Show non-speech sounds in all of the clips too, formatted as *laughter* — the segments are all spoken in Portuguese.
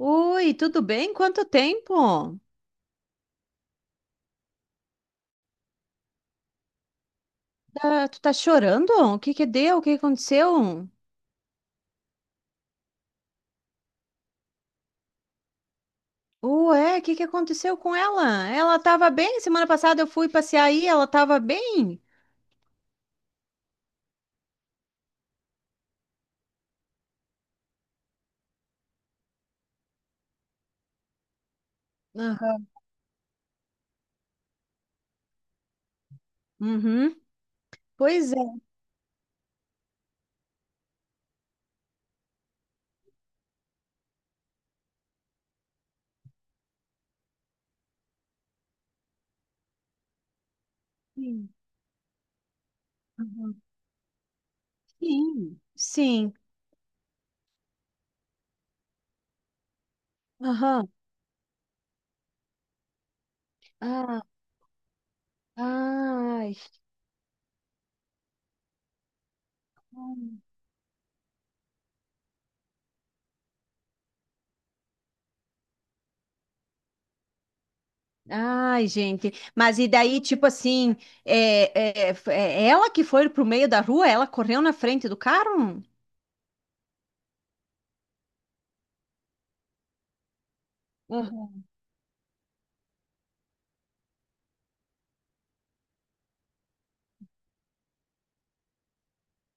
Oi, tudo bem? Quanto tempo? Tu tá chorando? O que que deu? O que que aconteceu? Ué, o que que aconteceu com ela? Ela tava bem? Semana passada eu fui passear aí, ela tava bem? Aham. Uhum. Pois é. Sim. Aham. Sim. Sim. Aham. Ah, ai. Ai, gente. Mas e daí, tipo assim, é ela que foi pro meio da rua? Ela correu na frente do carro?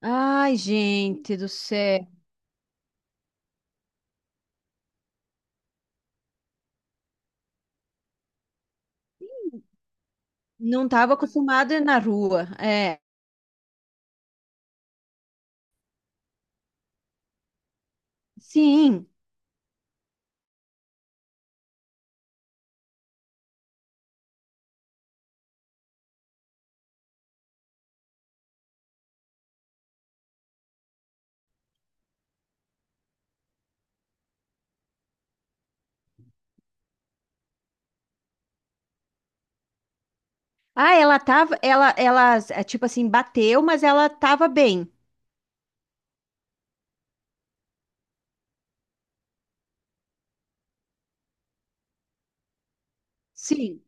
Ai, gente do céu. Não estava acostumada na rua. É, sim. Ah, ela tava, ela, é, tipo assim, bateu, mas ela tava bem. Sim.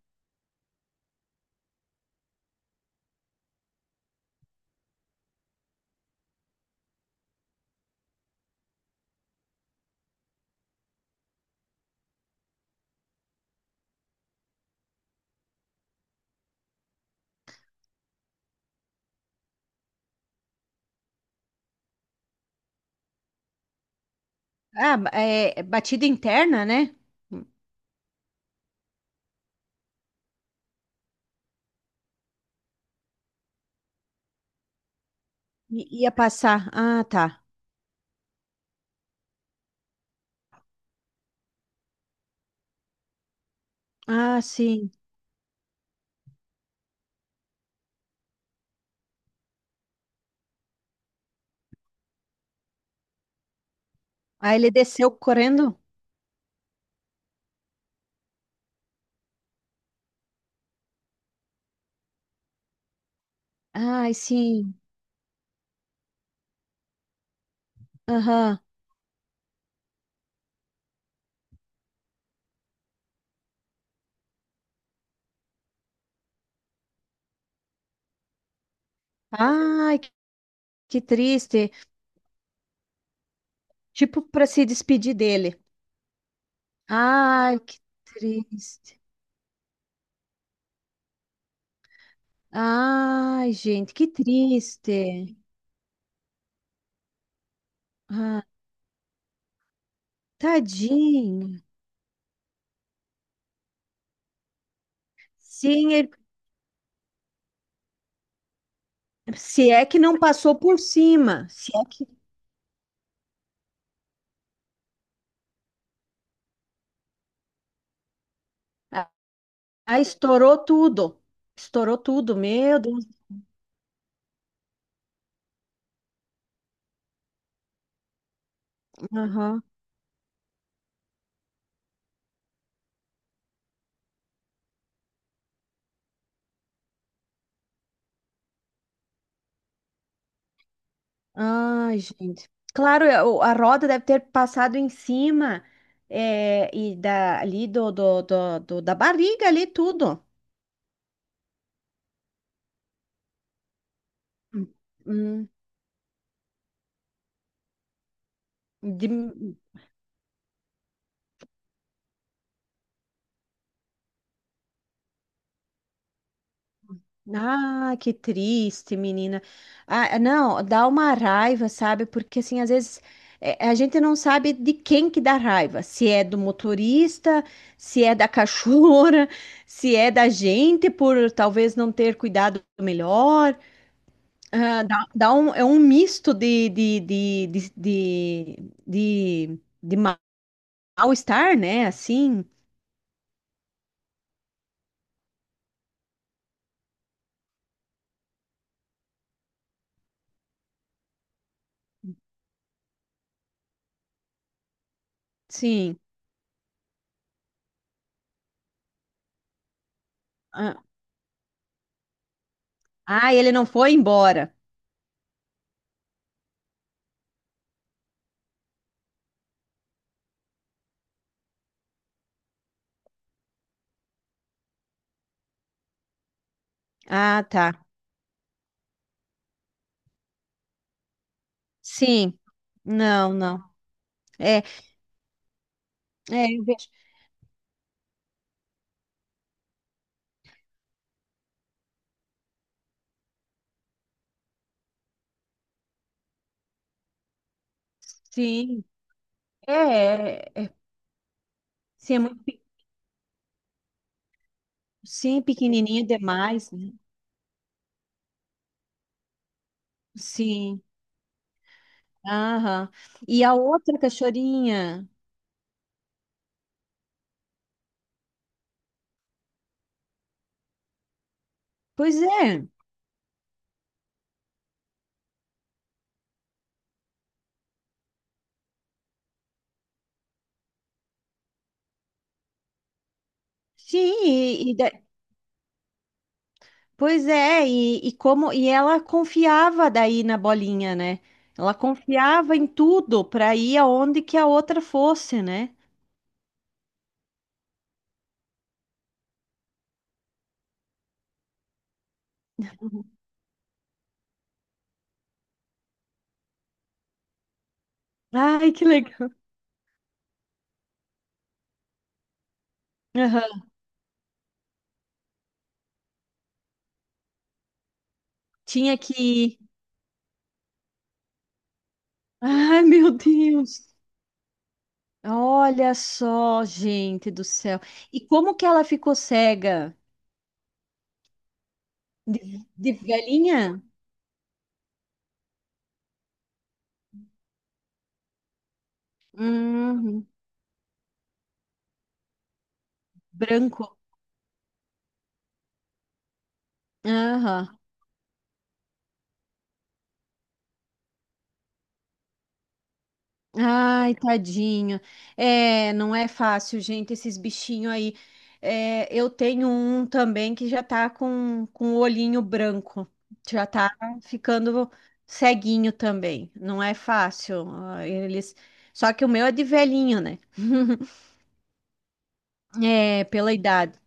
Ah, é, é batida interna, né? Ia passar. Ah, tá. Ah, sim. Aí ele desceu correndo. Ai, sim. Aham. Ai, que triste. Tipo, para se despedir dele. Ai, que triste. Ai, gente, que triste. Ai. Tadinho. Sim, se é que não passou por cima, se é que ah, ah, estourou tudo. Estourou tudo, meu Deus. Aham. Ai, gente. Claro, é, a roda deve ter passado em cima é, e da, ali da barriga ali tudo. Hum, hum, de- Ah, que triste, menina. Ah, é, não, dá uma raiva, sabe? Porque assim, às vezes é, a gente não sabe de quem que dá raiva. Se é do motorista, se é da cachorra, *laughs* se é da gente por talvez não ter cuidado melhor. Ah, dá um, é um misto de mal-estar, né? Assim, sim. Ah, ah, ele não foi embora. Ah, tá. Sim. Não, não. É, é, eu vejo. Sim, é, é, sim, é muito, sim, pequenininha demais, né? Sim, aham. E a outra cachorrinha, pois é, sim, e, e da- pois é, e como, e ela confiava daí na bolinha, né? Ela confiava em tudo para ir aonde que a outra fosse, né? Ai, que legal. Aham. Tinha que *laughs* Ai, meu Deus. Olha só, gente do céu. E como que ela ficou cega? De, de velhinha? Hum, branco. Aham. Ai, tadinho. É, não é fácil, gente, esses bichinhos aí. É, eu tenho um também que já tá com o olhinho branco. Já tá ficando ceguinho também. Não é fácil. Ah, eles... Só que o meu é de velhinho, né? *laughs* É, pela idade.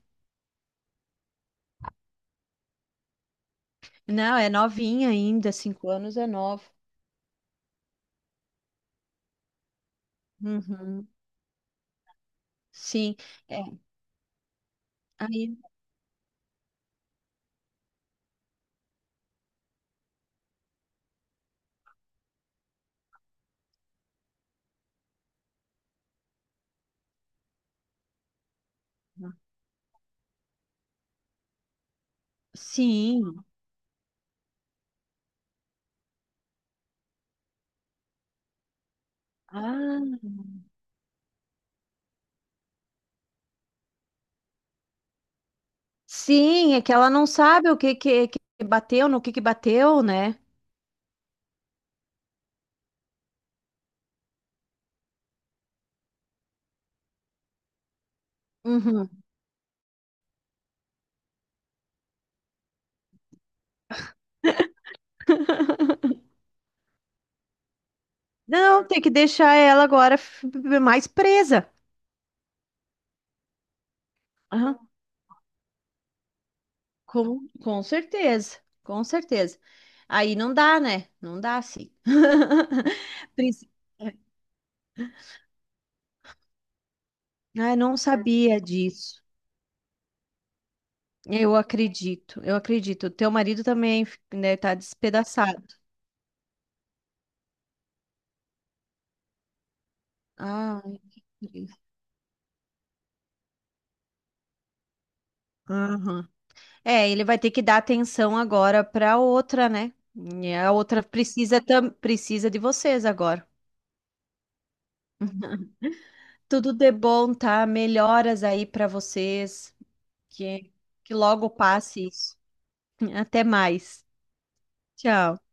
Não, é novinha ainda, 5 anos é nova. Uhum. Sim, é. Aí, sim. Ah, sim, é que ela não sabe o que que bateu, no que bateu, né? Uhum. Não, tem que deixar ela agora mais presa. Ah, com certeza, com certeza. Aí não dá, né? Não dá, sim. *laughs* Pris- Ah, eu não sabia disso. Eu acredito, eu acredito. Teu marido também, né, tá despedaçado. Ah, aham. É, ele vai ter que dar atenção agora para outra, né? E a outra precisa precisa de vocês agora. *laughs* Tudo de bom, tá? Melhoras aí para vocês. Que logo passe isso. *laughs* Até mais. Tchau.